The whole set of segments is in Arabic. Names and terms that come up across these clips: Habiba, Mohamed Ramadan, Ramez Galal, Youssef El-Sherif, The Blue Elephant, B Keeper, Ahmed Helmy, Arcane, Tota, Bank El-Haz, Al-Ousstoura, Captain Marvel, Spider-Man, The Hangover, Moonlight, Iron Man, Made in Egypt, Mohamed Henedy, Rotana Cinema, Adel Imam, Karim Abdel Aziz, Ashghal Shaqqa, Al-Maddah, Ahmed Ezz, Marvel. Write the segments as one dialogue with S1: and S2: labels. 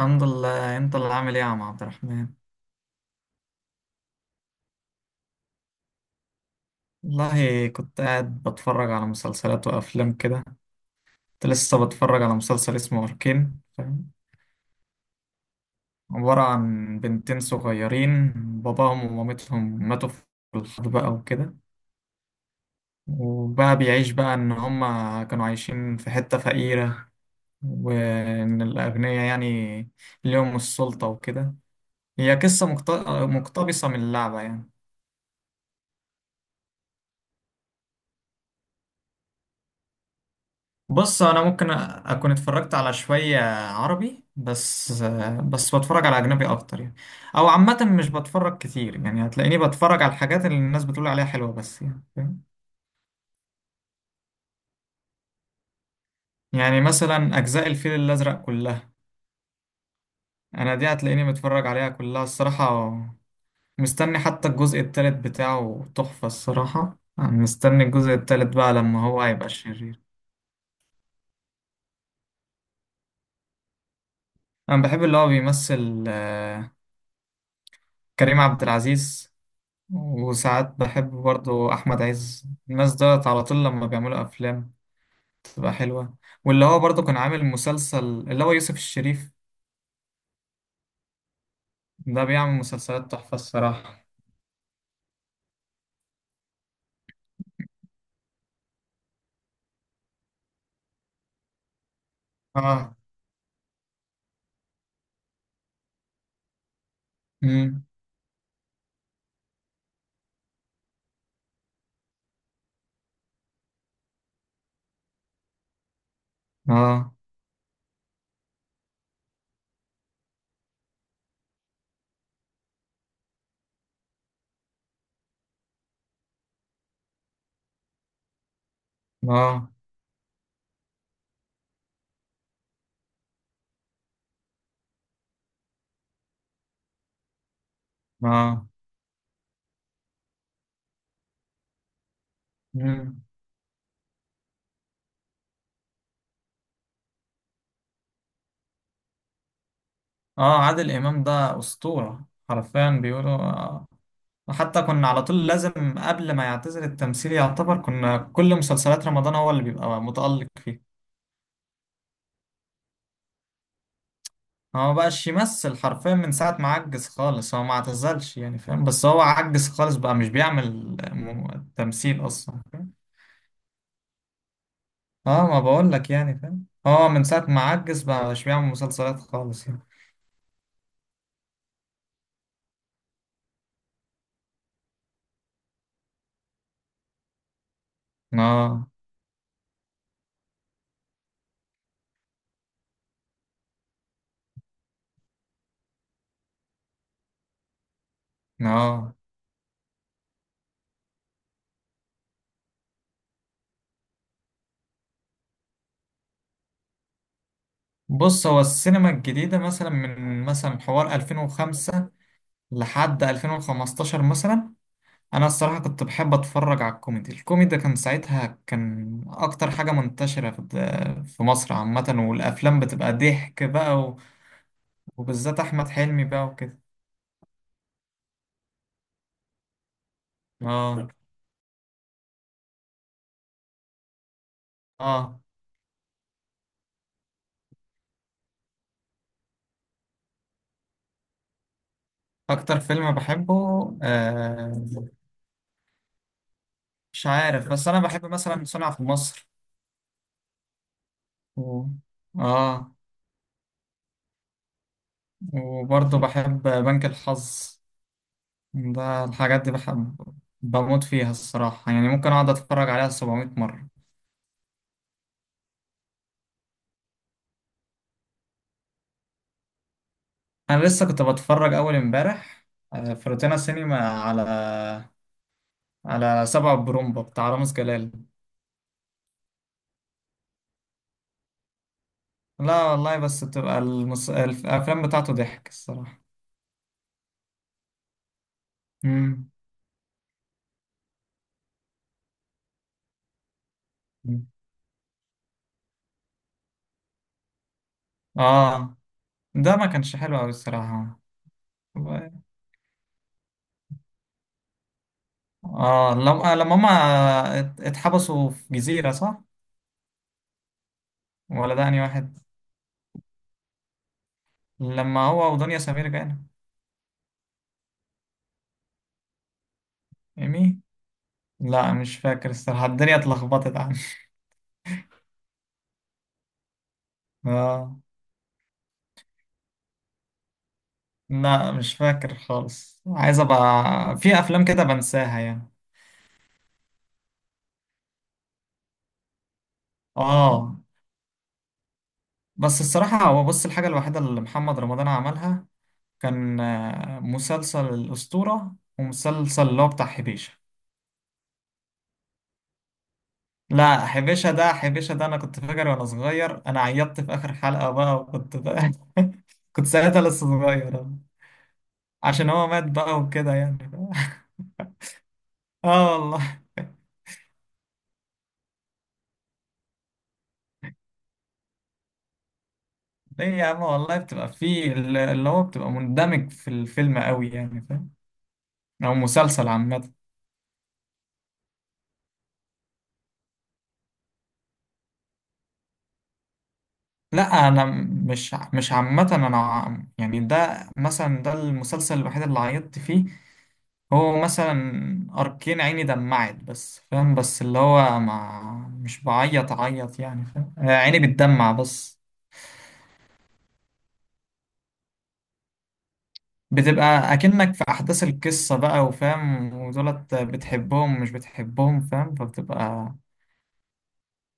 S1: الحمد لله. انت اللي عامل ايه يا عم عبد الرحمن؟ والله كنت قاعد بتفرج على مسلسلات وافلام كده. كنت لسه بتفرج على مسلسل اسمه اركين، فاهم؟ عبارة عن بنتين صغيرين، باباهم ومامتهم ماتوا في الحرب بقى وكده. وبقى بيعيش بقى ان هما كانوا عايشين في حتة فقيرة، وان الاغنياء يعني ليهم السلطة وكده. هي قصة مقتبسة من اللعبة يعني. بص، انا ممكن اكون اتفرجت على شوية عربي بس. بس بتفرج على اجنبي اكتر يعني. او عامة مش بتفرج كتير يعني، هتلاقيني بتفرج على الحاجات اللي الناس بتقول عليها حلوة بس، يعني فاهم. يعني مثلا اجزاء الفيل الازرق كلها، انا دي هتلاقيني متفرج عليها كلها الصراحة. مستني حتى الجزء التالت بتاعه، تحفة الصراحة. أنا مستني الجزء التالت بقى لما هو هيبقى شرير. انا بحب اللي هو بيمثل كريم عبد العزيز. وساعات بحب برضو أحمد عز. الناس دولت على طول لما بيعملوا أفلام تبقى حلوة. واللي هو برضو كان عامل مسلسل، اللي هو يوسف الشريف. ده بيعمل مسلسلات تحفة الصراحة. آه. مم. آه. آه. آه. مم. آه، عادل إمام ده أسطورة حرفيا، بيقولوا آه. حتى كنا على طول لازم قبل ما يعتزل التمثيل يعتبر، كنا كل مسلسلات رمضان هو اللي بيبقى متألق فيها. هو ما بقاش يمثل حرفيا من ساعة ما عجز خالص. هو ما اعتزلش يعني، فاهم، بس هو عجز خالص بقى مش بيعمل تمثيل أصلا، فاهم. اه، ما بقول لك يعني، فاهم، هو من ساعة ما عجز بقى مش بيعمل مسلسلات خالص يعني. اه. اه. بص، هو السينما الجديدة مثلا من مثلا حوار 2005 لحد 2015 مثلا، انا الصراحه كنت بحب اتفرج على الكوميدي. الكوميدي كان ساعتها كان اكتر حاجه منتشره في مصر عامه، والافلام بتبقى ضحك بقى وبالذات احمد حلمي بقى وكده. اه. اه. اكتر فيلم بحبه آه مش عارف، بس انا بحب مثلا صنع في مصر و... اه. وبرضه بحب بنك الحظ. ده الحاجات دي بحب. بموت فيها الصراحه، يعني ممكن اقعد اتفرج عليها 700 مره. انا لسه كنت بتفرج اول امبارح، آه، في روتانا سينما على على سبع برومبا بتاع رامز جلال. لا والله، بس بتبقى الافلام بتاعته ضحك الصراحه. امم. اه. ده ما كانش حلو قوي الصراحه. اه، لما هما اتحبسوا في جزيره، صح؟ ولا ده انهي واحد؟ لما هو ودنيا سمير كانوا. ايمي. لا مش فاكر الصراحه، الدنيا اتلخبطت عنه اه. لا مش فاكر خالص، عايز ابقى. في افلام كده بنساها يعني. اه. بس الصراحة هو بص، الحاجة الوحيدة اللي محمد رمضان عملها كان مسلسل الأسطورة ومسلسل اللي هو بتاع حبيشة. لا، حبيشة ده حبيشة ده انا كنت فاكر وانا صغير، انا عيطت في اخر حلقة بقى وكنت بقى كنت ساعتها لسه صغير. عشان هو مات بقى وكده يعني اه والله. ليه يا عم والله، بتبقى فيه اللي هو بتبقى مندمج في الفيلم قوي يعني، او مسلسل عامة. لا، انا مش عامة. انا يعني ده مثلا ده المسلسل الوحيد اللي عيطت فيه. هو مثلا اركين عيني دمعت بس، فاهم، بس اللي هو ما مش بعيط عيط يعني، فاهم، عيني بتدمع بس. بتبقى اكنك في احداث القصة بقى، وفاهم، ودولت بتحبهم مش بتحبهم، فاهم، فبتبقى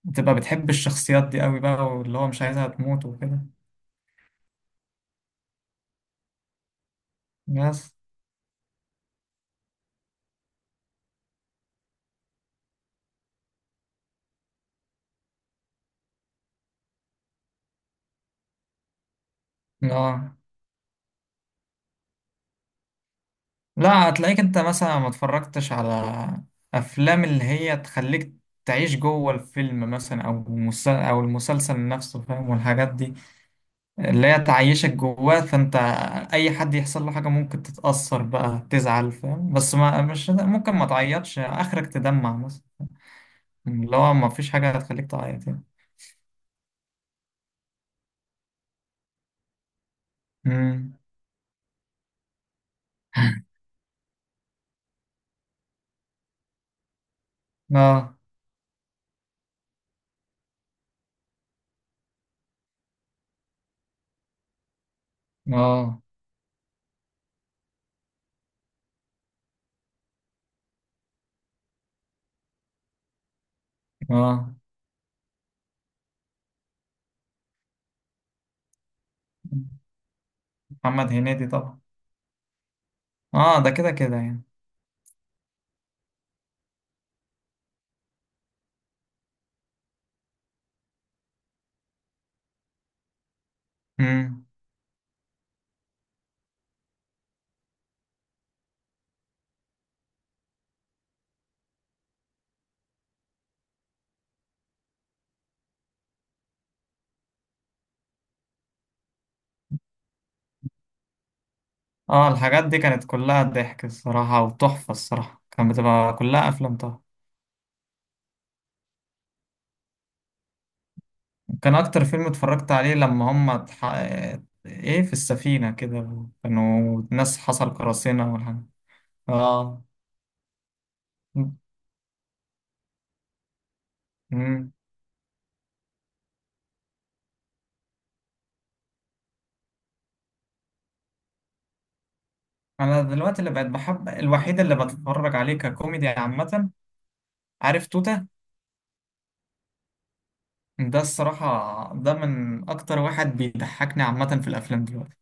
S1: بتبقى بتحب الشخصيات دي قوي بقى، واللي هو مش عايزها تموت وكده بس. اه. لا، هتلاقيك انت مثلا ما اتفرجتش على افلام اللي هي تخليك تعيش جوه الفيلم مثلا، او المسلسل نفسه، فاهم، والحاجات دي اللي هي تعيشك جواه. فانت اي حد يحصل له حاجه ممكن تتاثر بقى، تزعل، فاهم، بس ما مش ممكن ما تعيطش، اخرك تدمع مثلا. اللي هو ما فيش حاجه هتخليك تعيط يعني. امم. اه. اه. اه. محمد هنيدي طبعا. اه، ده كده كده يعني. اه، الحاجات دي كانت كلها ضحك الصراحة، وتحفة الصراحة كانت بتبقى كلها أفلام طبعا. كان أكتر فيلم اتفرجت عليه لما هم إيه، في السفينة كده، كانوا ناس حصل قراصنة والحاجة. اه. مم. أنا دلوقتي اللي بقيت بحب الوحيد اللي بتفرج عليه ككوميدي عامة، عارف توتة؟ ده الصراحة ده من أكتر واحد بيضحكني عامة في الأفلام دلوقتي.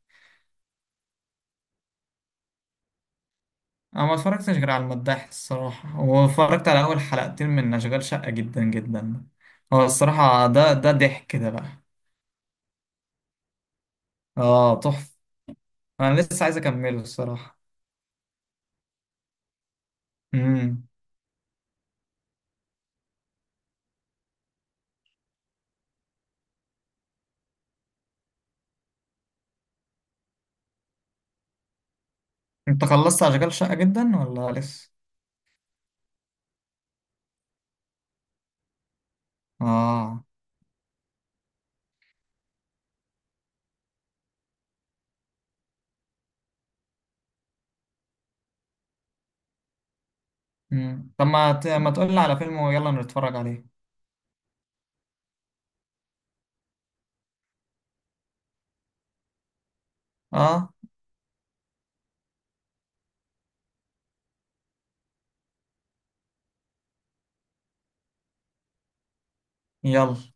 S1: انا ما اتفرجتش غير على المداح الصراحه، واتفرجت على اول حلقتين من اشغال شقه جدا جدا. هو الصراحه ده ضحك ده بقى. اه، تحفه، انا لسه عايز اكمله الصراحه. امم. انت خلصت اشغال شقه جدا ولا لسه؟ اه. امم، طب ما تقول لي على فيلم ويلا نتفرج عليه؟ اه، يلا.